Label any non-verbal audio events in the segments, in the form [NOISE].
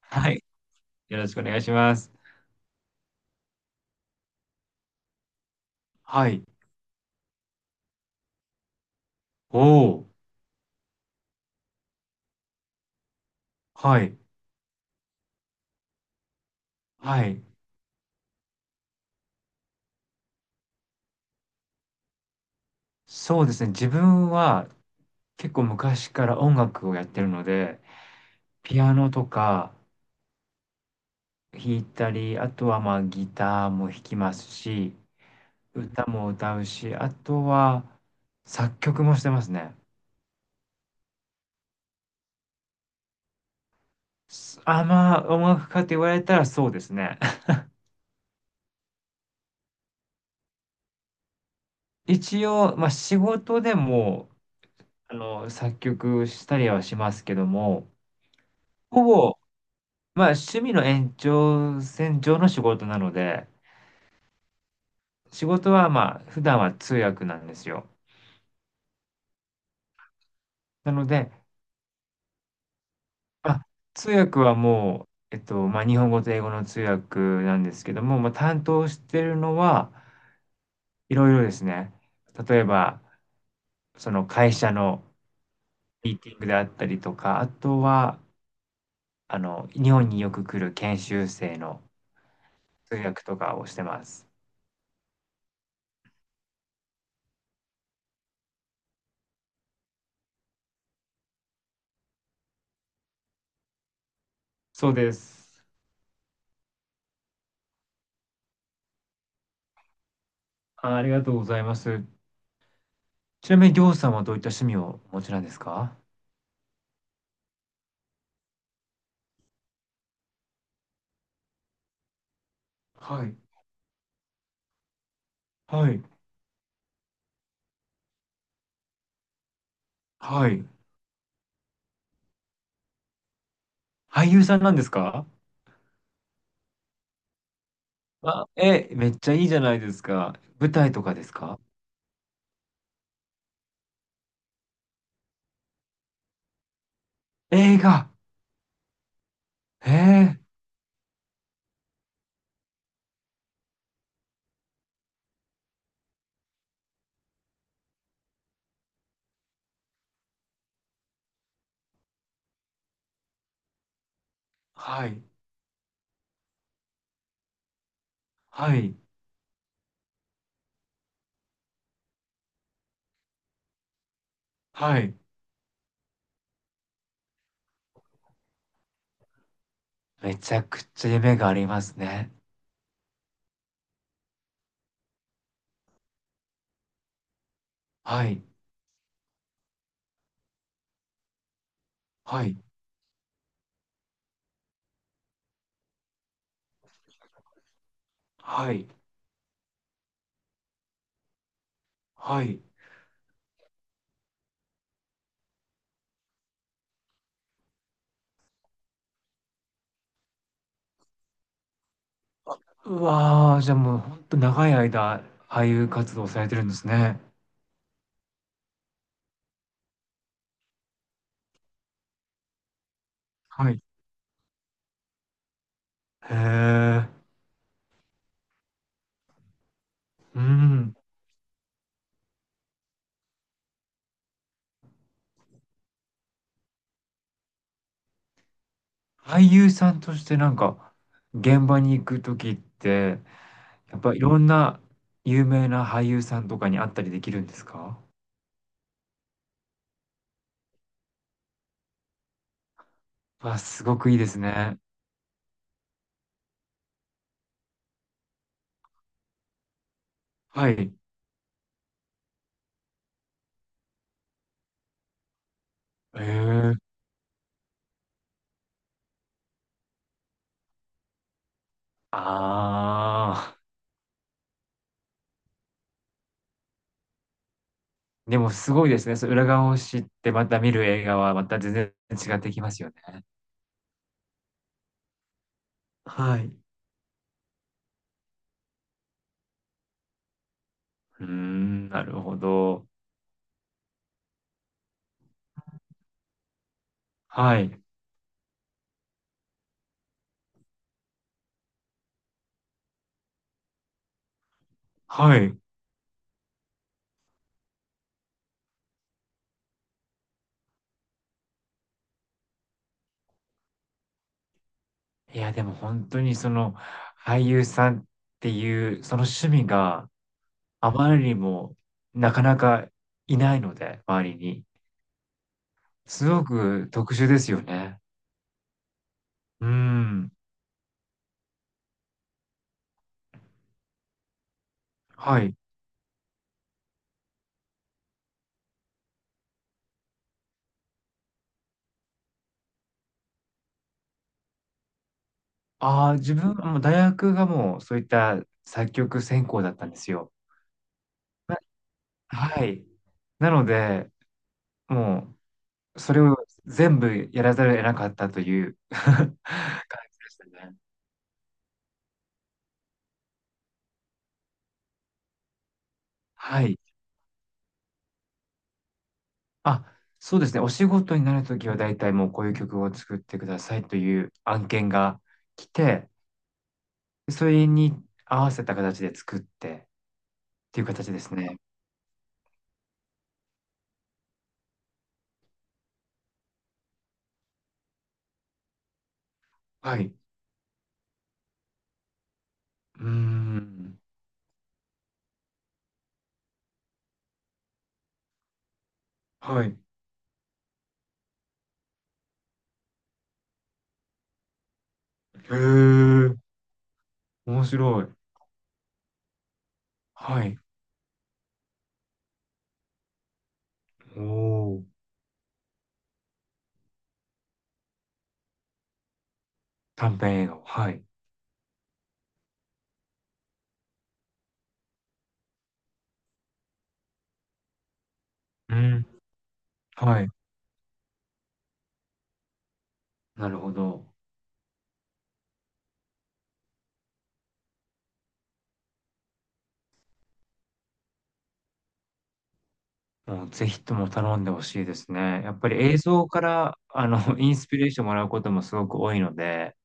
はい。よろしくお願いします。はい。おー。はい。はい。そうですね。自分は結構昔から音楽をやってるので、ピアノとか弾いたり、あとはまあギターも弾きますし、歌も歌うし、あとは作曲もしてますね。まあ音楽家と言われたらそうですね。[LAUGHS] 一応、まあ仕事でも、作曲したりはしますけども、ほぼまあ、趣味の延長線上の仕事なので、仕事はまあ、普段は通訳なんですよ。なので、あ、通訳はもう、まあ、日本語と英語の通訳なんですけども、まあ、担当してるのはいろいろですね。例えば、その会社のミーティングであったりとか、あとは、日本によく来る研修生の通訳とかをしてます。そうです。あ、ありがとうございます。ちなみに、りょうさんはどういった趣味をお持ちなんですか？はい。はい。はい。俳優さんなんですか？あ、めっちゃいいじゃないですか。舞台とかですか？映画。ええ。はい。はい。はい。めちゃくちゃ夢がありますね。はい。はい。はい。はい。うわー、じゃあもうほんと長い間、俳優活動されてるんですね。はい。へえ。うん。俳優さんとしてなんか、現場に行くときって、やっぱいろんな有名な俳優さんとかに会ったりできるんですか？わ、すごくいいですね。はい。へえ。ああ。でもすごいですね。そう、裏側を知ってまた見る映画はまた全然違ってきますよね。はい。うーん、なるほど。はい。はい。いや、でも本当にその俳優さんっていうその趣味があまりにもなかなかいないので、周りに。すごく特殊ですよね。うーん。はい。ああ、自分、大学がもうそういった作曲専攻だったんですよ。なはい。なので、もう、それを全部やらざるを得なかったという [LAUGHS] 感じでしたね。はい。あ、そうですね。お仕事になるときは、大体もうこういう曲を作ってくださいという案件が来て、それに合わせた形で作ってっていう形ですね。はい。うーん。はい。へえ。面白い。はい。おー。短編映画。はい。うん。はい。なるほど。もうぜひとも頼んでほしいですね。やっぱり映像から、[LAUGHS] インスピレーションもらうこともすごく多いので、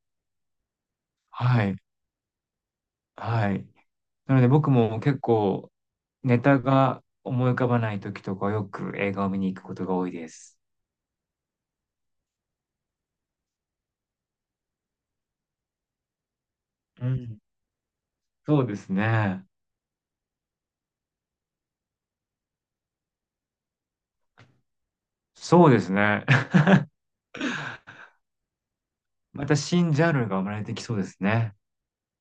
はい。はい。なので僕も結構、ネタが思い浮かばない時とかよく映画を見に行くことが多いです。うん。そうですね。そうですね。[LAUGHS] また新ジャンルが生まれてきそうですね。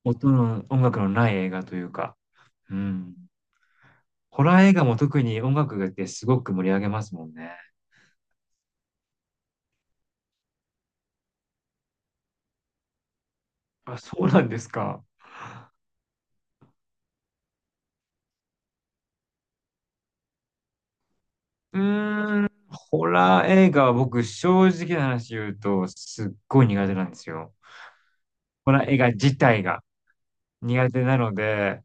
音楽のない映画というか。うん。ホラー映画も特に音楽ってすごく盛り上げますもんね。あ、そうなんですか？うーん、ホラー映画は僕正直な話言うとすっごい苦手なんですよ。ホラー映画自体が苦手なので、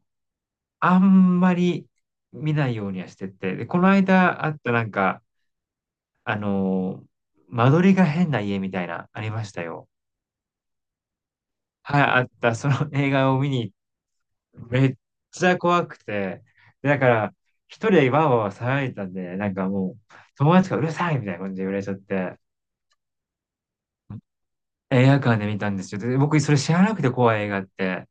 あんまり見ないようにはしてて。で、この間あったなんか、あのー間取りが変な家みたいな、ありましたよ。はい、あった。その映画を見に、めっちゃ怖くて、でだから、一人でわーわー騒いでたんで、なんかもう、友達がうるさいみたいな感じで言われちゃって、映画館で見たんですよ。で、僕、それ知らなくて怖い映画って。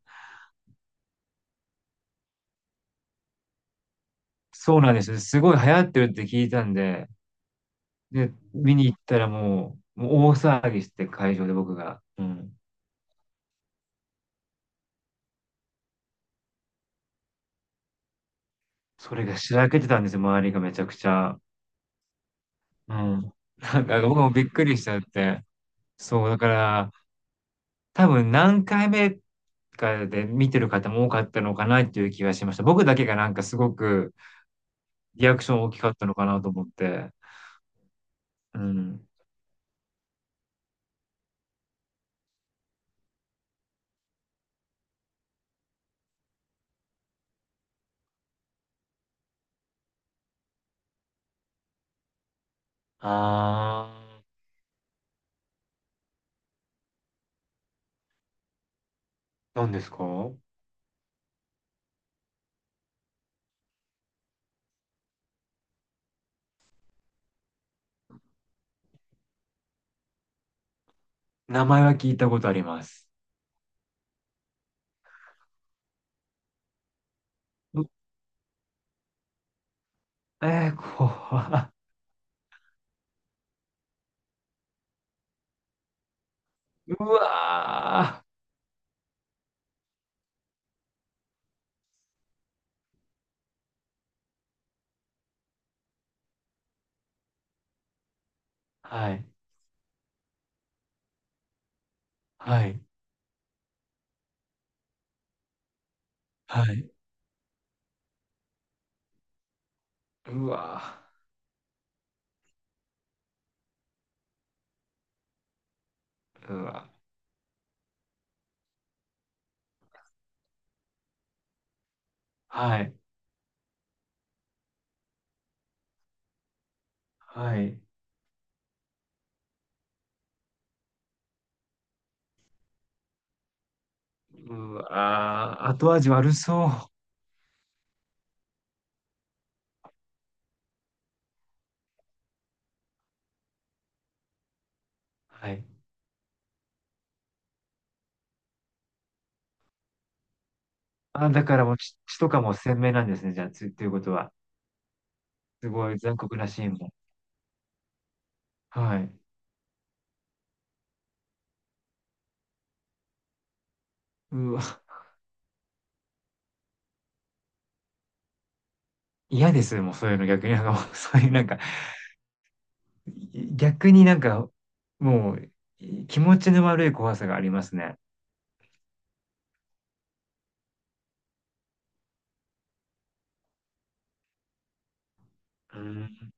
そうなんですよ。すごい流行ってるって聞いたんで、で、見に行ったらもう、大騒ぎして会場で僕が。うん。それがしらけてたんですよ、周りがめちゃくちゃ。うん。なんか僕もびっくりしちゃって。そう、だから、多分何回目かで見てる方も多かったのかなっていう気がしました。僕だけがなんかすごくリアクション大きかったのかなと思って。うん。あー、何ですか？名前は聞いたことあります。うえー、こうわー。はい。はい。はい。うわー。うわー。はい。はい。うわー。後味悪そう。はい。あ、だからもう血とかも鮮明なんですね。じゃあ、ということは。すごい残酷なシーンも。はい。うわ、嫌です、もうそういうの逆に。なんかもう、[LAUGHS] そういうなんか、逆になんか、もう、気持ちの悪い怖さがありますね。うん。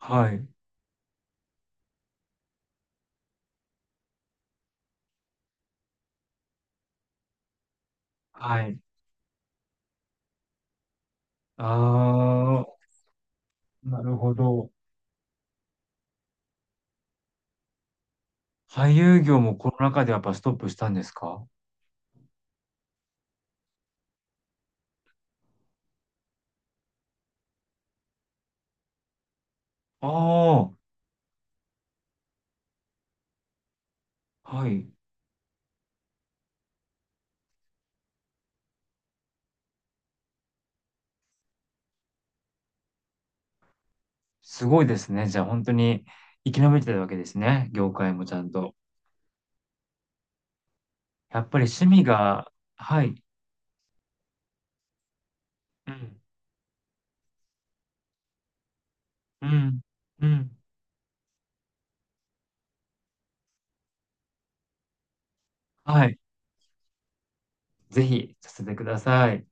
はい。はい。ああ、なるほど。俳優業もコロナ禍でやっぱストップしたんですか？ああ、はい。すごいですね。じゃあ本当に生き延びてるわけですね。業界もちゃんと。やっぱり趣味が、はい。うん。うん。うん。はい。ぜひさせてください。